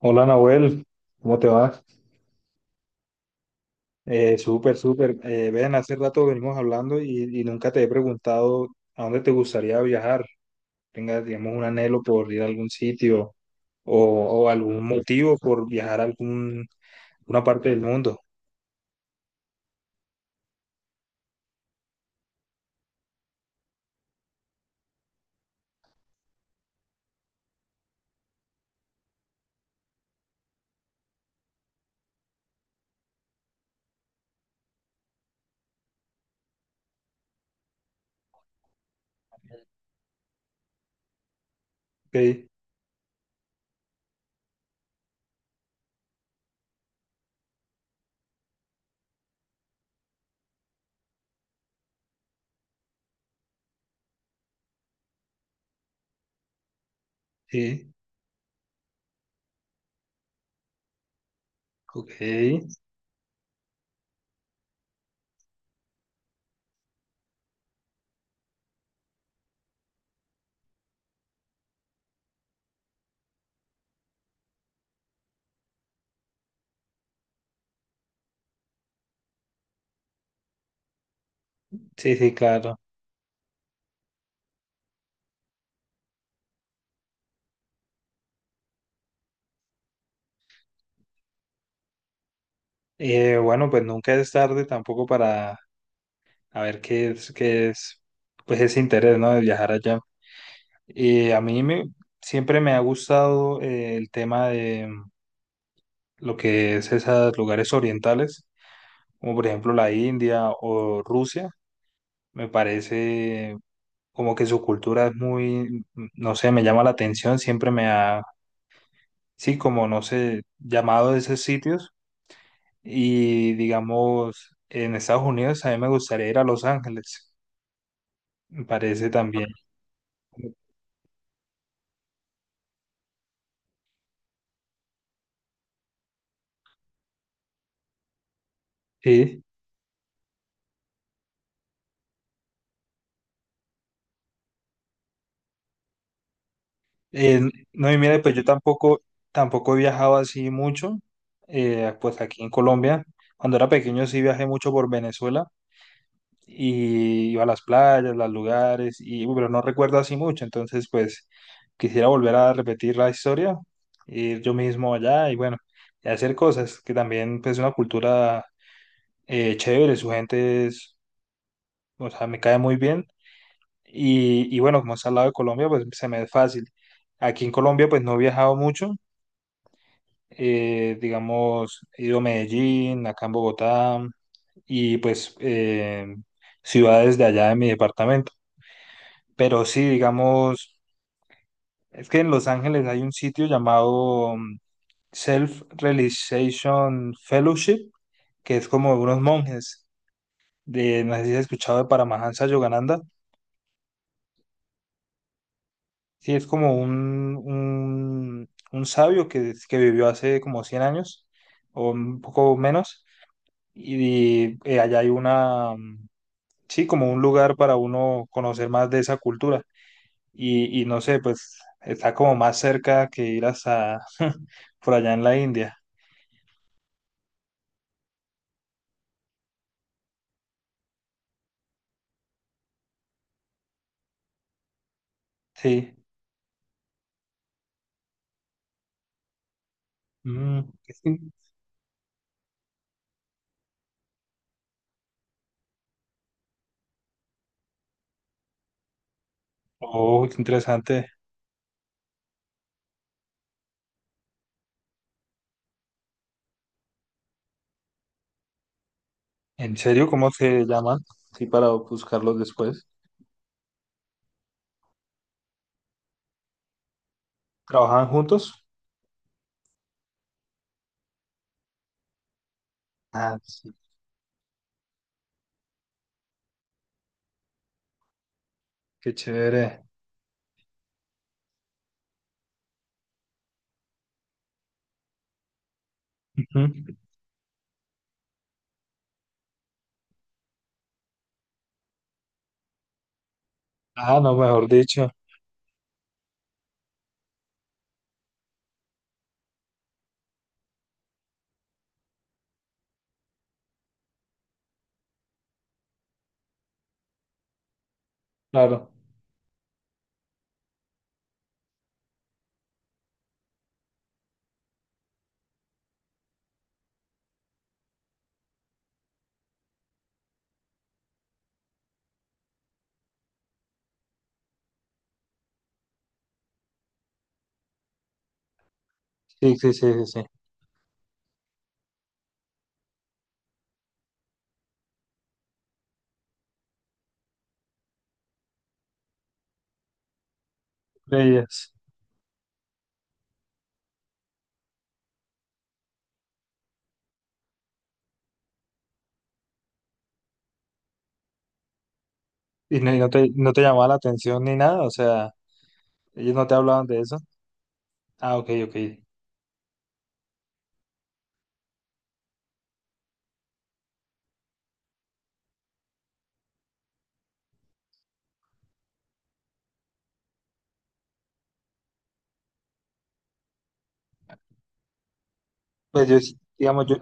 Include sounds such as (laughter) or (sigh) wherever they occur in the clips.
Hola Nahuel, ¿cómo te va? Súper, súper. Ven, hace rato venimos hablando y nunca te he preguntado a dónde te gustaría viajar. Tengas, digamos, un anhelo por ir a algún sitio o, o algún motivo por viajar a algún, una parte del mundo. Ok, sí, ok. Sí, sí, claro. Bueno, pues nunca es tarde tampoco para a ver qué es, pues ese interés, ¿no? De viajar allá. Eh, a mí me, Siempre me ha gustado el tema de lo que es esos lugares orientales, como por ejemplo la India o Rusia, me parece como que su cultura es muy, no sé, me llama la atención, siempre me ha, sí, como no sé, llamado de esos sitios y digamos, en Estados Unidos a mí me gustaría ir a Los Ángeles, me parece también, sí. Eh, no, Y mira, pues yo tampoco he viajado así mucho, pues aquí en Colombia, cuando era pequeño sí viajé mucho por Venezuela y iba a las playas, los lugares, y, pero no recuerdo así mucho, entonces pues quisiera volver a repetir la historia, ir yo mismo allá y bueno, y hacer cosas, que también pues es una cultura chévere, su gente es, o sea, me cae muy bien, y bueno, como está al lado de Colombia, pues se me es fácil. Aquí en Colombia pues no he viajado mucho, digamos, he ido a Medellín, acá en Bogotá, y pues... ciudades de allá de mi departamento. Pero sí, digamos, es que en Los Ángeles hay un sitio llamado Self-Realization Fellowship, que es como unos monjes de, no sé si has escuchado de Paramahansa Yogananda. Sí, es como un sabio que vivió hace como 100 años o un poco menos. Y, allá hay una, sí, como un lugar para uno conocer más de esa cultura, y no sé, pues está como más cerca que ir hasta (laughs) por allá en la India. Sí. Mm, sí. Oh, qué interesante. ¿En serio? ¿Cómo se llaman? Sí, para buscarlos después. ¿Trabajaban juntos? Ah, sí. Qué chévere. Ujú. Ah, no, mejor dicho. Claro. Sí, sí, sí, sí, sí. Ellas. Y no te, no te llamaba la atención ni nada? O sea, ellos no te hablaban de eso. Ah, ok, ok. Pues yo, sí- digamos, yo,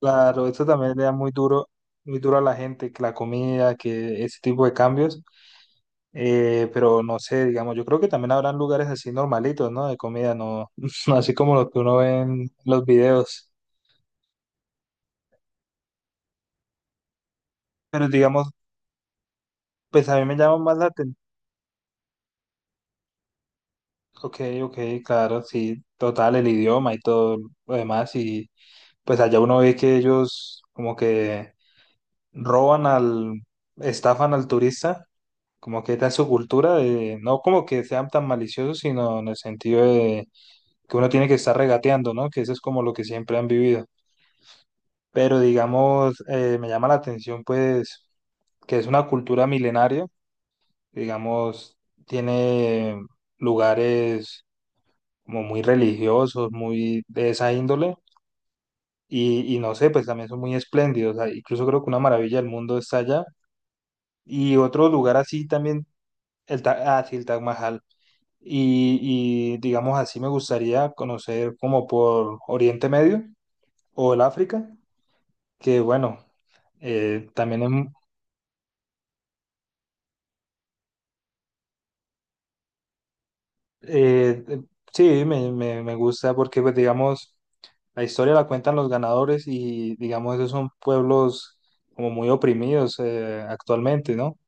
claro, eso también le da muy duro a la gente, que la comida, que ese tipo de cambios. Pero no sé, digamos, yo creo que también habrán lugares así normalitos, ¿no? De comida, no, (laughs) no así como los que uno ve en los videos. Pero digamos, pues a mí me llama más la atención. Ok, ok, claro, sí, total, el idioma y todo lo demás. Y pues allá uno ve que ellos como que roban al, estafan al turista como que está en su cultura de, no como que sean tan maliciosos, sino en el sentido de que uno tiene que estar regateando, ¿no? Que eso es como lo que siempre han vivido. Pero digamos, me llama la atención pues que es una cultura milenaria, digamos, tiene lugares como muy religiosos, muy de esa índole, y no sé, pues también son muy espléndidos, ah, incluso creo que una maravilla del mundo está allá, y otro lugar así también, el, ah, sí, el Taj Mahal. Y digamos así, me gustaría conocer como por Oriente Medio o el África, que bueno, también es, eh, eh, sí, me gusta porque pues digamos, la historia la cuentan los ganadores y digamos, esos son pueblos como muy oprimidos actualmente, ¿no?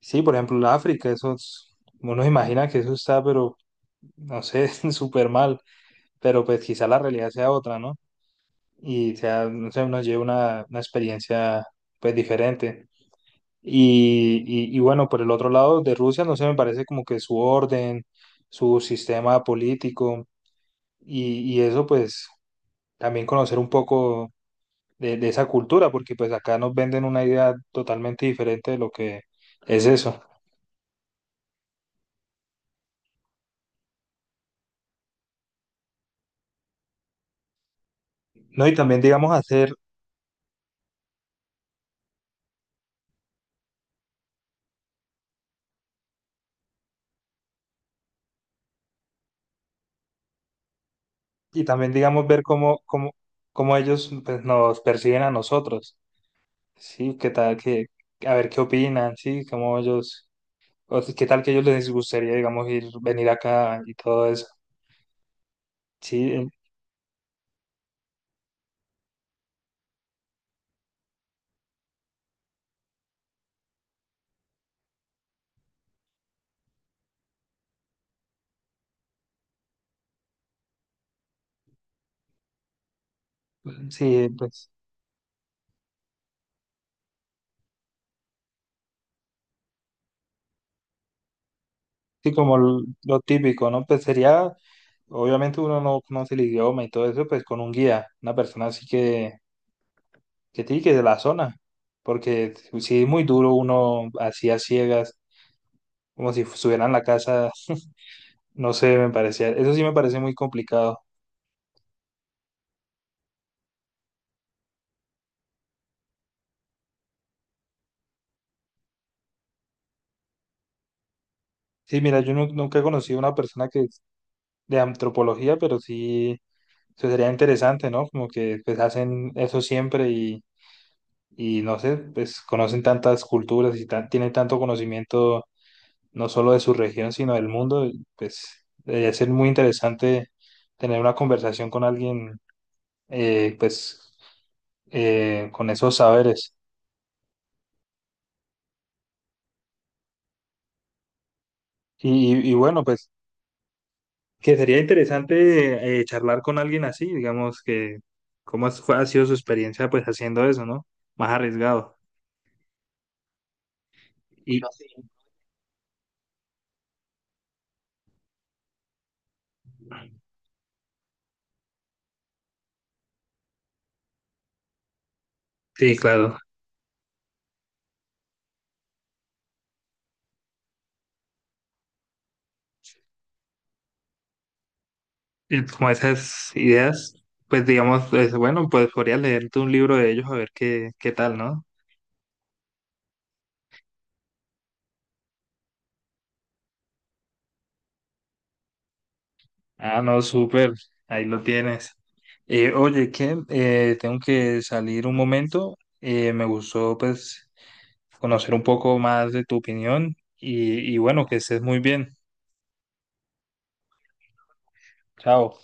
Sí, por ejemplo, el África, esos, uno imagina que eso está, pero no sé, (laughs) súper mal, pero pues quizá la realidad sea otra, ¿no? Y sea, no sé, uno lleva una experiencia pues diferente. Y bueno, por el otro lado de Rusia, no sé, me parece como que su orden, su sistema político y eso pues también conocer un poco de esa cultura, porque pues acá nos venden una idea totalmente diferente de lo que es eso. No, y también y también digamos ver cómo ellos pues, nos perciben a nosotros, ¿sí? ¿Qué tal? Qué a ver qué opinan, ¿sí? Cómo ellos o si- ¿Qué tal que a ellos les gustaría, digamos, ir, venir acá y todo eso? Sí, sí, pues, sí, como lo típico, ¿no? Pues sería, obviamente uno no conoce el idioma y todo eso, pues con un guía, una persona así que sí, que de la zona, porque sí es muy duro uno así a ciegas, como si estuviera en la casa, no sé, me parecía, eso sí me parece muy complicado. Sí, mira, yo nunca he conocido a una persona que de antropología, pero sí. Eso sería interesante, ¿no? Como que pues hacen eso siempre y no sé, pues conocen tantas culturas y tienen tanto conocimiento no solo de su región, sino del mundo. Y pues debería ser muy interesante tener una conversación con alguien, pues con esos saberes. Y, y bueno, pues que sería interesante charlar con alguien así, digamos que ha sido su experiencia pues haciendo eso, ¿no? Más arriesgado. Y sí. Sí, claro. Y como esas ideas, pues digamos, es, bueno, pues podrías leerte un libro de ellos a ver qué, qué tal, ¿no? Ah, no, súper, ahí lo tienes. Oye, que tengo que salir un momento, me gustó pues conocer un poco más de tu opinión y bueno, que estés muy bien. Chao.